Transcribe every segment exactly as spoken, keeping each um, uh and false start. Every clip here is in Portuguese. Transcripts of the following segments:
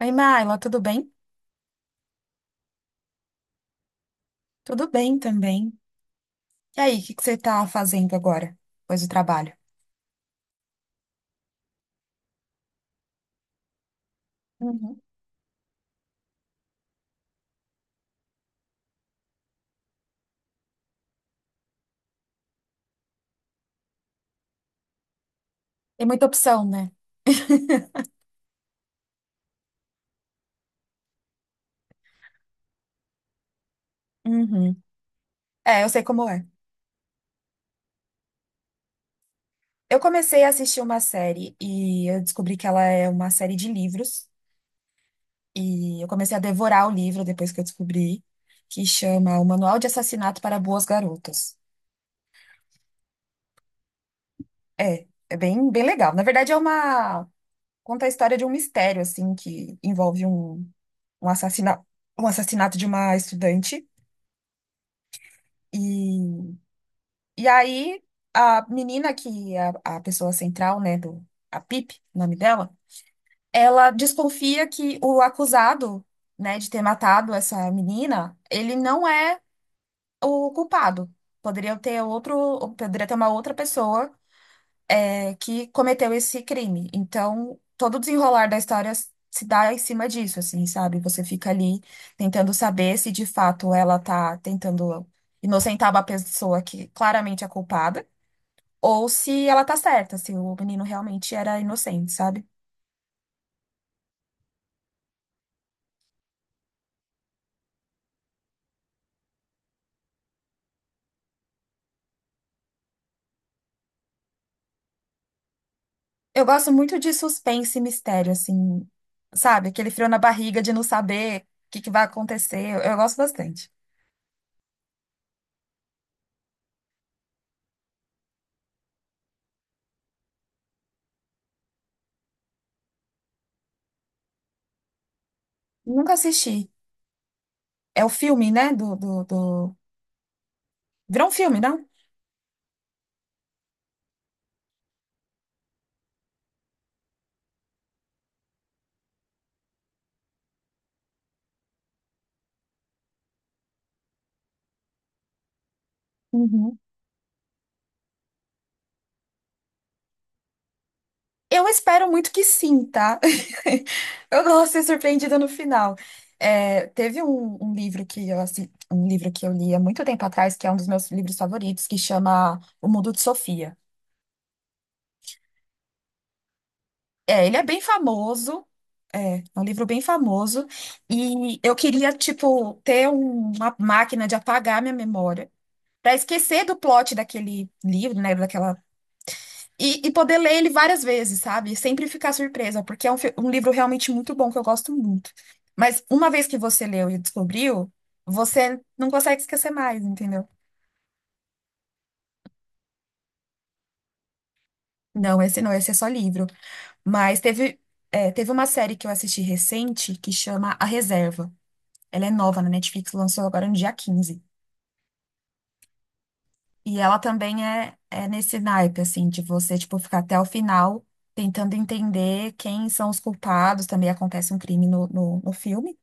Oi, Maila, tudo bem? Tudo bem também. E aí, o que que você tá fazendo agora, depois do trabalho? Uhum. Tem muita opção, né? Uhum. É, eu sei como é. Eu comecei a assistir uma série e eu descobri que ela é uma série de livros. E eu comecei a devorar o livro depois que eu descobri, que chama O Manual de Assassinato para Boas Garotas. É, é bem, bem legal. Na verdade, é uma... conta a história de um mistério, assim, que envolve um, um assassinato, um assassinato de uma estudante. E E aí, a menina que é a, a pessoa central, né, do, a Pip, o nome dela, ela desconfia que o acusado, né, de ter matado essa menina, ele não é o culpado. Poderia ter outro, poderia ter uma outra pessoa, é, que cometeu esse crime. Então, todo o desenrolar da história se dá em cima disso, assim, sabe? Você fica ali tentando saber se de fato ela tá tentando inocentar uma pessoa que claramente é culpada ou se ela tá certa, se o menino realmente era inocente, sabe? Eu gosto muito de suspense e mistério, assim, sabe? Aquele frio na barriga de não saber o que que vai acontecer. Eu, eu gosto bastante. Nunca assisti. É o filme, né? Do, do, do... Virou um filme, não? Uhum. Eu espero muito que sim, tá? Eu gosto de ser surpreendida no final. É, teve um, um livro que eu assi- um livro que eu li há muito tempo atrás, que é um dos meus livros favoritos, que chama O Mundo de Sofia. É, ele é bem famoso, é, é um livro bem famoso, e eu queria, tipo, ter um- uma máquina de apagar minha memória, para esquecer do plot daquele livro, né, daquela. E, e poder ler ele várias vezes, sabe? Sempre ficar surpresa, porque é um, fi- um livro realmente muito bom, que eu gosto muito. Mas uma vez que você leu e descobriu, você não consegue esquecer mais, entendeu? Não, esse não, esse é só livro. Mas teve, é, teve uma série que eu assisti recente que chama A Reserva. Ela é nova na Netflix, lançou agora no dia quinze. E ela também é, é nesse naipe, assim, de você, tipo, ficar até o final tentando entender quem são os culpados. Também acontece um crime no, no no filme.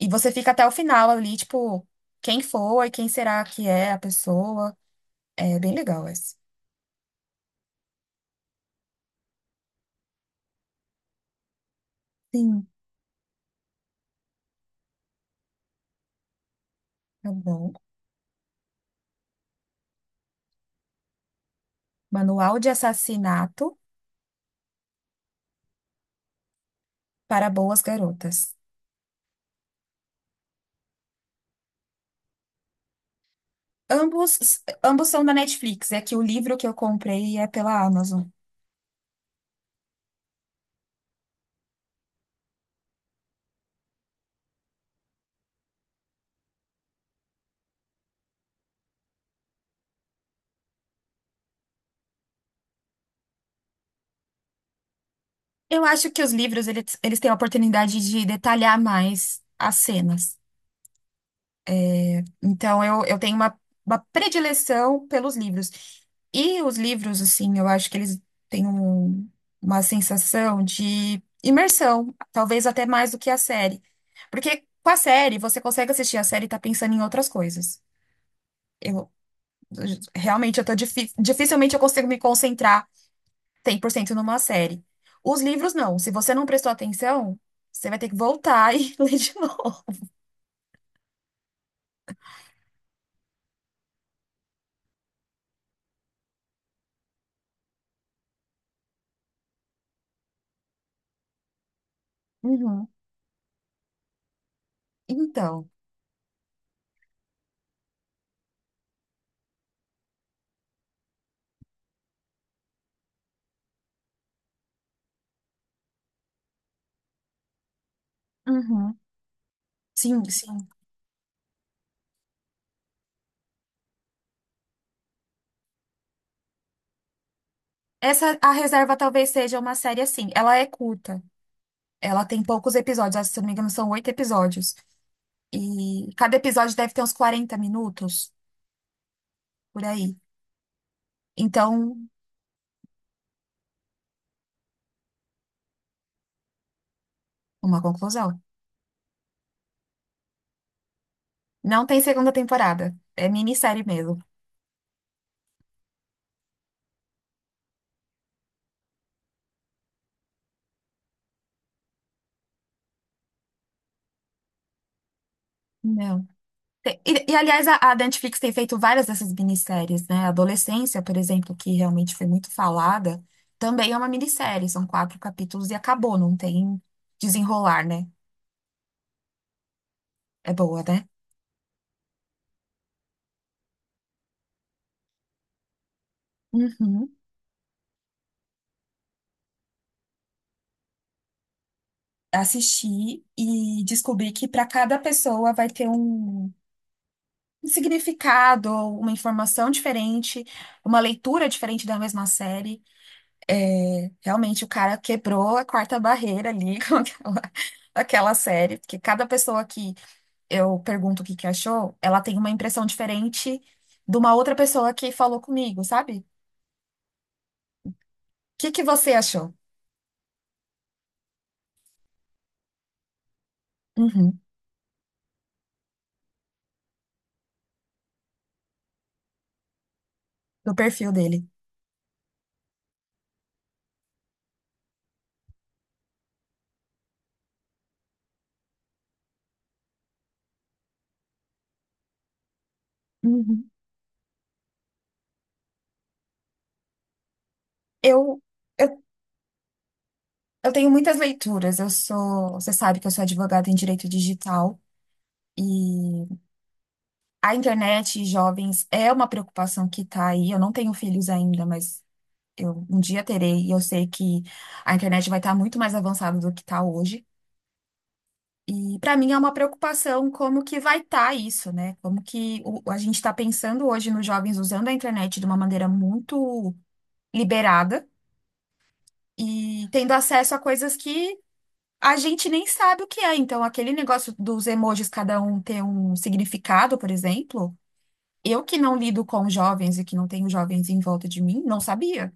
E você fica até o final ali, tipo, quem foi, quem será que é a pessoa. É bem legal esse. Sim, tá bom. Manual de Assassinato para Boas Garotas. Ambos, ambos são da Netflix, é que o livro que eu comprei é pela Amazon. Eu acho que os livros, eles, eles têm a oportunidade de detalhar mais as cenas. Então, eu, eu tenho uma, uma predileção pelos livros. E os livros, assim, eu acho que eles têm um- uma sensação de imersão, talvez até mais do que a série. Porque com a série, você consegue assistir a série e tá pensando em outras coisas. Eu, realmente, eu tô difi- dificilmente eu consigo me concentrar cem por cento numa série. Os livros, não. Se você não prestou atenção, você vai ter que voltar e ler de novo. Uhum. Então. Uhum. Sim, sim. Essa, A Reserva talvez seja uma série assim. Ela é curta. Ela tem poucos episódios. Acho que, se não me engano, são oito episódios. E cada episódio deve ter uns quarenta minutos, por aí. Então, uma conclusão. Não tem segunda temporada. É minissérie mesmo. Não. Tem- E, e, aliás, a, a Netflix tem feito várias dessas minisséries, né? A Adolescência, por exemplo, que realmente foi muito falada, também é uma minissérie. São quatro capítulos e acabou. Não tem desenrolar, né? É boa, né? Uhum. Assistir e descobrir que para cada pessoa vai ter um, um significado, uma informação diferente, uma leitura diferente da mesma série. É, realmente, o cara quebrou a quarta barreira ali com aquela, aquela série, porque cada pessoa que eu pergunto o que que achou, ela tem uma impressão diferente de uma outra pessoa que falou comigo, sabe? O que que você achou? Uhum, do perfil dele. Uhum. Eu. eu Eu tenho muitas leituras. Eu sou, você sabe que eu sou advogada em direito digital e a internet e jovens é uma preocupação que está aí. Eu não tenho filhos ainda, mas eu um dia terei e eu sei que a internet vai estar muito mais avançada do que está hoje. E para mim é uma preocupação como que vai estar isso, né? Como que o- a gente está pensando hoje nos jovens usando a internet de uma maneira muito liberada e tendo acesso a coisas que a gente nem sabe o que é, então aquele negócio dos emojis cada um ter um significado, por exemplo, eu que não lido com jovens e que não tenho jovens em volta de mim, não sabia.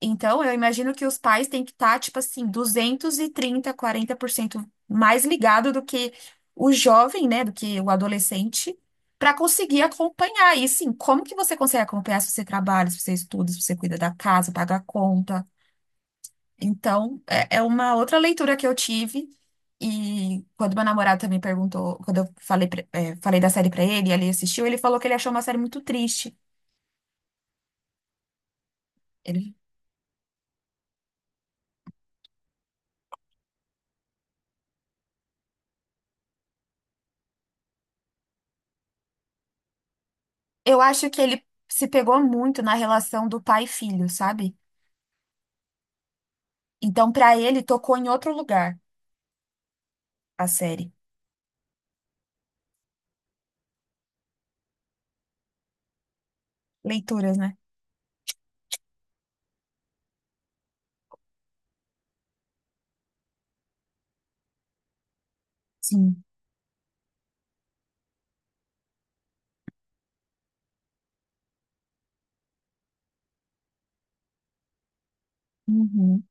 Então eu imagino que os pais têm que estar, tipo assim, duzentos e trinta, quarenta por cento mais ligado do que o jovem, né, do que o adolescente, para conseguir acompanhar. E sim, como que você consegue acompanhar se você trabalha, se você estuda, se você cuida da casa, paga a conta? Então, é, é uma outra leitura que eu tive. E quando meu namorado também perguntou, quando eu falei, pra- é, falei da série pra ele, e ele assistiu, ele falou que ele achou uma série muito triste. Ele- eu acho que ele se pegou muito na relação do pai e filho, sabe? Então, pra ele, tocou em outro lugar a série. Leituras, né? Sim. Uhum.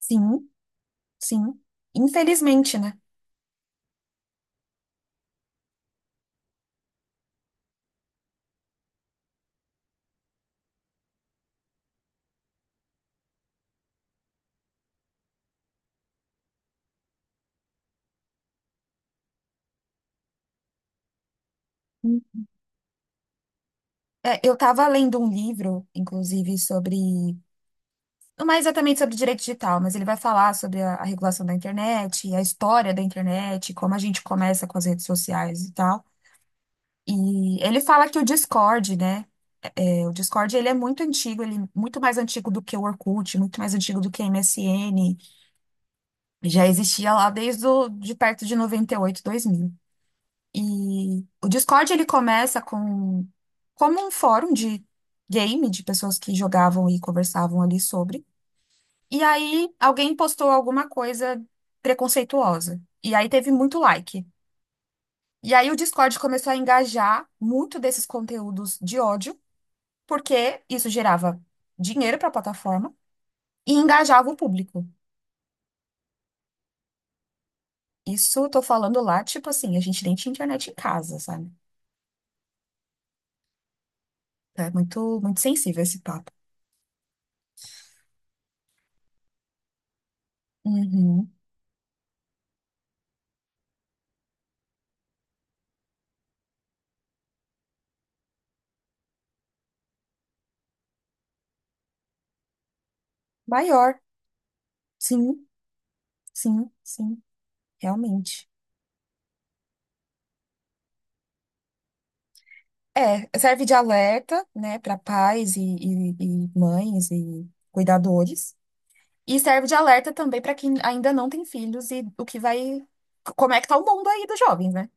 Sim, sim. Infelizmente, né? Hum. É, eu tava lendo um livro, inclusive, sobre. Não é exatamente sobre direito digital, mas ele vai falar sobre a, a regulação da internet, a história da internet, como a gente começa com as redes sociais e tal. E ele fala que o Discord, né? É, o Discord ele é muito antigo, ele é muito mais antigo do que o Orkut, muito mais antigo do que M S N. Já existia lá desde o, de perto de noventa e oito dois mil. E o Discord ele começa com como um fórum de game de pessoas que jogavam e conversavam ali sobre. E aí alguém postou alguma coisa preconceituosa. E aí teve muito like. E aí o Discord começou a engajar muito desses conteúdos de ódio, porque isso gerava dinheiro para a plataforma e engajava o público. Isso eu tô falando lá, tipo assim, a gente nem tinha internet em casa, sabe? É muito, muito sensível esse papo. Uhum. Maior. Sim, sim, sim, realmente. É, serve de alerta, né, para pais e, e e mães e cuidadores. E serve de alerta também para quem ainda não tem filhos e o que vai. Como é que tá o mundo aí dos jovens, né?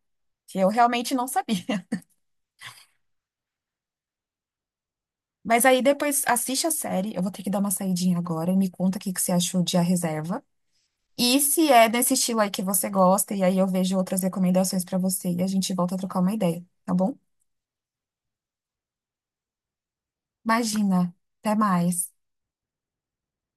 Que eu realmente não sabia. Mas aí depois assiste a série. Eu vou ter que dar uma saidinha agora. Me conta o que que você achou de A Reserva. E se é desse estilo aí que você gosta, e aí eu vejo outras recomendações para você e a gente volta a trocar uma ideia, tá bom? Imagina. Até mais.